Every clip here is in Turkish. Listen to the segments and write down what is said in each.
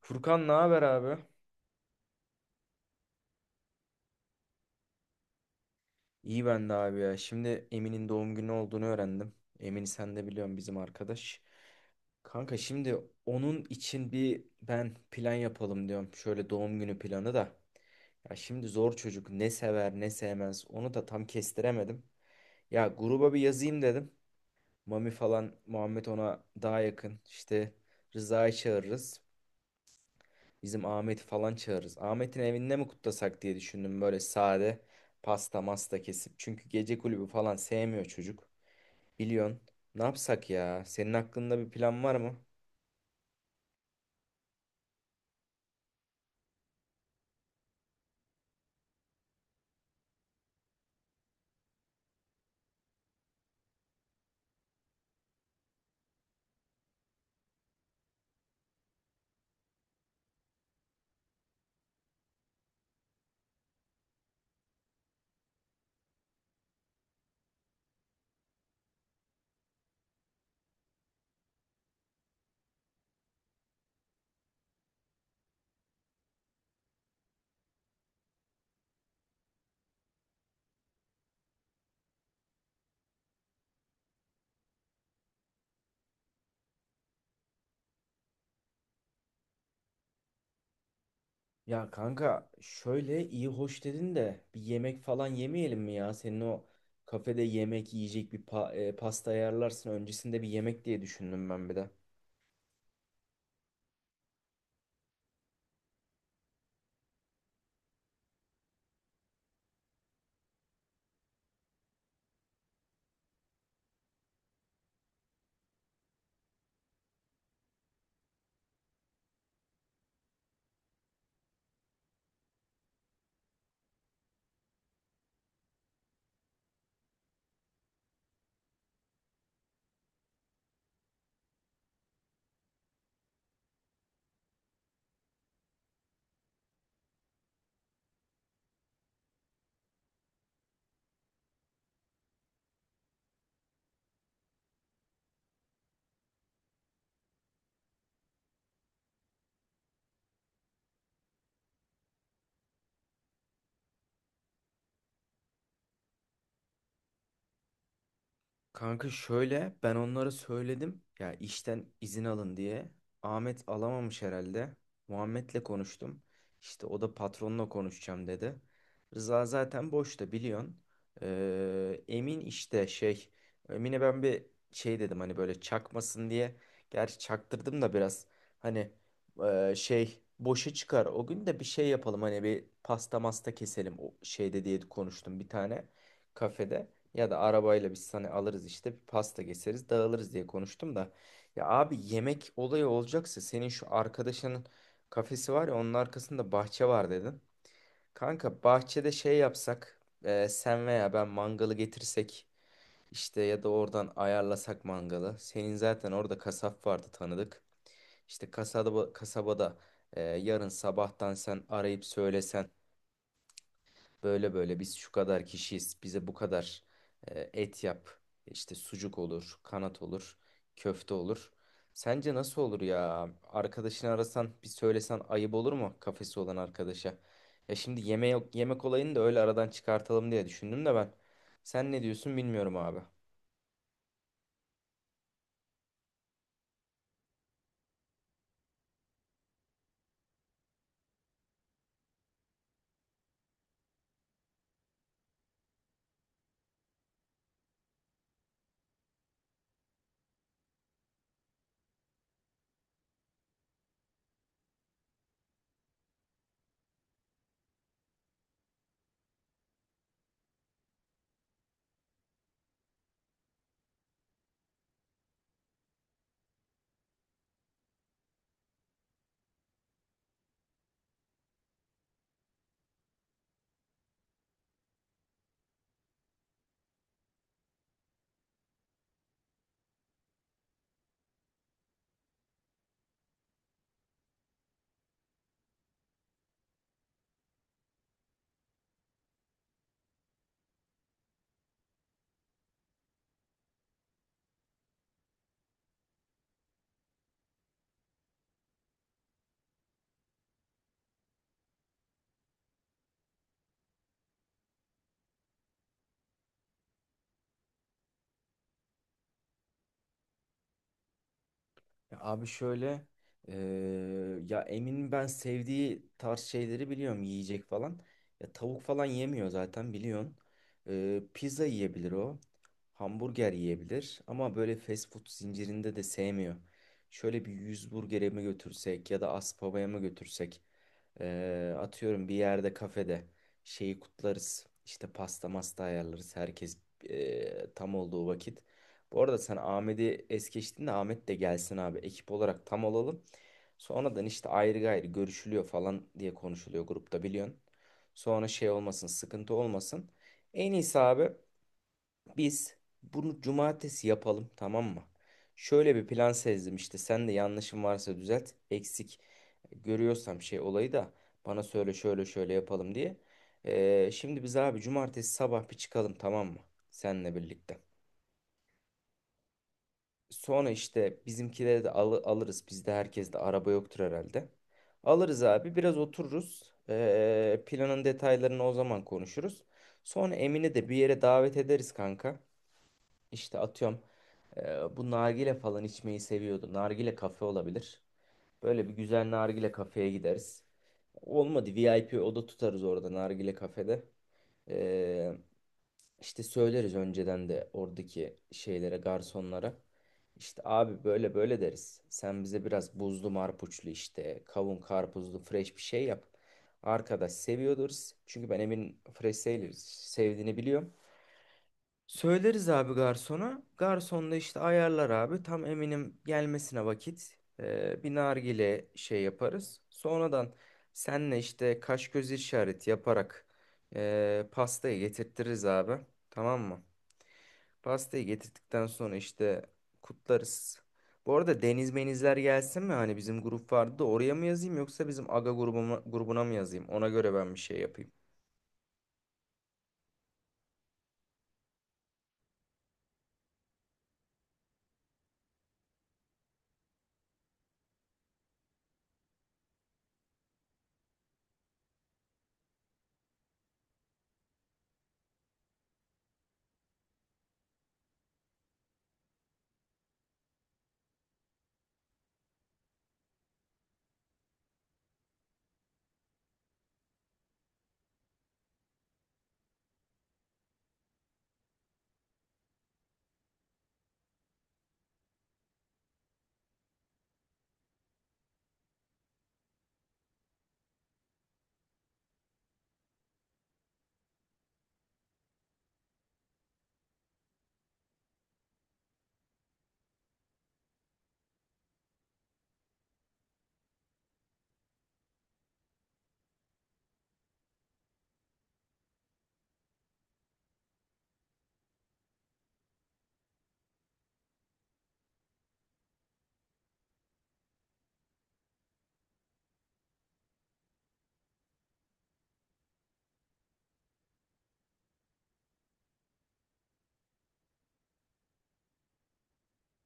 Furkan ne haber abi? İyi ben de abi ya. Şimdi Emin'in doğum günü olduğunu öğrendim. Emin'i sen de biliyorsun, bizim arkadaş. Kanka şimdi onun için bir plan yapalım diyorum. Şöyle doğum günü planı da. Ya şimdi zor çocuk, ne sever ne sevmez onu da tam kestiremedim. Ya gruba bir yazayım dedim. Mami falan Muhammed ona daha yakın. İşte Rıza'yı çağırırız. Bizim Ahmet'i falan çağırırız. Ahmet'in evinde mi kutlasak diye düşündüm, böyle sade pasta masta kesip. Çünkü gece kulübü falan sevmiyor çocuk. Biliyorsun. Ne yapsak ya? Senin aklında bir plan var mı? Ya kanka şöyle iyi hoş dedin de bir yemek falan yemeyelim mi ya? Senin o kafede yemek yiyecek pasta ayarlarsın, öncesinde bir yemek diye düşündüm ben bir de. Kanka şöyle, ben onlara söyledim ya işten izin alın diye. Ahmet alamamış herhalde. Muhammed'le konuştum. İşte o da patronla konuşacağım dedi. Rıza zaten boşta biliyorsun. Emin işte Emin'e ben bir şey dedim hani böyle çakmasın diye. Gerçi çaktırdım da biraz hani şey boşa çıkar. O gün de bir şey yapalım hani, bir pasta masta keselim o şeyde diye konuştum bir tane kafede. Ya da arabayla biz hani alırız işte, bir pasta keseriz dağılırız diye konuştum da. Ya abi yemek olayı olacaksa senin şu arkadaşının kafesi var ya, onun arkasında bahçe var dedin. Kanka bahçede şey yapsak, sen veya ben mangalı getirsek işte, ya da oradan ayarlasak mangalı. Senin zaten orada kasap vardı tanıdık. Kasabada yarın sabahtan sen arayıp söylesen. Böyle böyle biz şu kadar kişiyiz. Bize bu kadar et yap. İşte sucuk olur, kanat olur, köfte olur. Sence nasıl olur ya? Arkadaşını arasan, bir söylesen ayıp olur mu kafesi olan arkadaşa? Ya şimdi yeme yok, yemek olayını da öyle aradan çıkartalım diye düşündüm de ben. Sen ne diyorsun bilmiyorum abi. Ya abi şöyle, eee, ya Emin'in ben sevdiği tarz şeyleri biliyorum yiyecek falan. Ya tavuk falan yemiyor zaten biliyorsun. Pizza yiyebilir o. Hamburger yiyebilir ama böyle fast food zincirinde de sevmiyor. Şöyle bir yüz burgere mi götürsek ya da Aspava'ya mı götürsek, atıyorum bir yerde kafede şeyi kutlarız. İşte pasta masta ayarlarız herkes tam olduğu vakit. Bu arada sen Ahmet'i es geçtin de, Ahmet de gelsin abi, ekip olarak tam olalım. Sonradan işte ayrı gayrı görüşülüyor falan diye konuşuluyor grupta, biliyorsun. Sonra şey olmasın, sıkıntı olmasın. En iyisi abi. Biz bunu cumartesi yapalım, tamam mı? Şöyle bir plan sezdim işte, sen de yanlışım varsa düzelt. Eksik görüyorsam şey olayı da bana söyle, şöyle şöyle yapalım diye. Şimdi biz abi cumartesi sabah bir çıkalım, tamam mı? Seninle birlikte. Sonra işte alırız. Bizde herkes de araba yoktur herhalde. Alırız abi, biraz otururuz. Planın detaylarını o zaman konuşuruz. Sonra Emin'i de bir yere davet ederiz kanka. İşte atıyorum bu nargile falan içmeyi seviyordu. Nargile kafe olabilir. Böyle bir güzel nargile kafeye gideriz. Olmadı VIP oda tutarız orada nargile kafede. E, işte söyleriz önceden de oradaki şeylere, garsonlara. İşte abi böyle böyle deriz. Sen bize biraz buzlu marpuçlu işte kavun karpuzlu fresh bir şey yap. Arkadaş seviyordur. Çünkü ben Emin fresh sevdiğini biliyorum. Söyleriz abi garsona. Garson da işte ayarlar abi. Tam eminim gelmesine vakit. Bir nargile şey yaparız. Sonradan senle işte kaş göz işareti yaparak pastayı getirtiriz abi. Tamam mı? Pastayı getirdikten sonra işte kutlarız. Bu arada deniz menizler gelsin mi? Hani bizim grup vardı da oraya mı yazayım, yoksa bizim aga grubuna mı yazayım? Ona göre ben bir şey yapayım.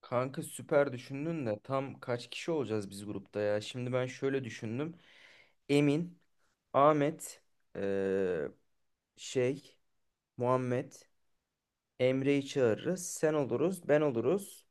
Kanka süper düşündün de tam kaç kişi olacağız biz grupta ya? Şimdi ben şöyle düşündüm. Emin, Ahmet, eee, şey, Muhammed, Emre'yi çağırırız. Sen oluruz, ben oluruz.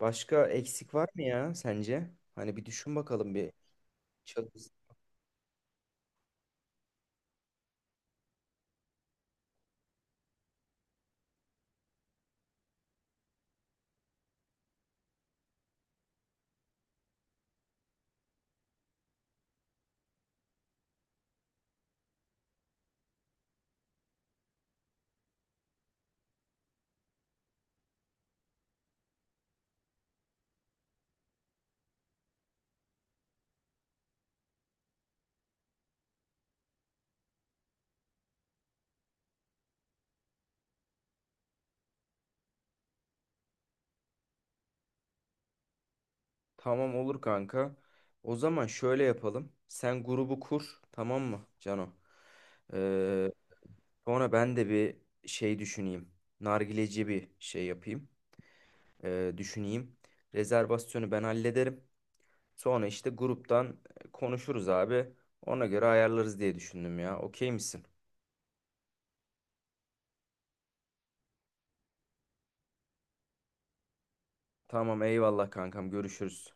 Başka eksik var mı ya sence? Hani bir düşün bakalım bir. Çalış- Tamam olur kanka. O zaman şöyle yapalım. Sen grubu kur, tamam mı Cano? Eee, sonra ben de bir şey düşüneyim. Nargileci bir şey yapayım. Düşüneyim. Rezervasyonu ben hallederim. Sonra işte gruptan konuşuruz abi. Ona göre ayarlarız diye düşündüm ya. Okey misin? Tamam eyvallah kankam, görüşürüz.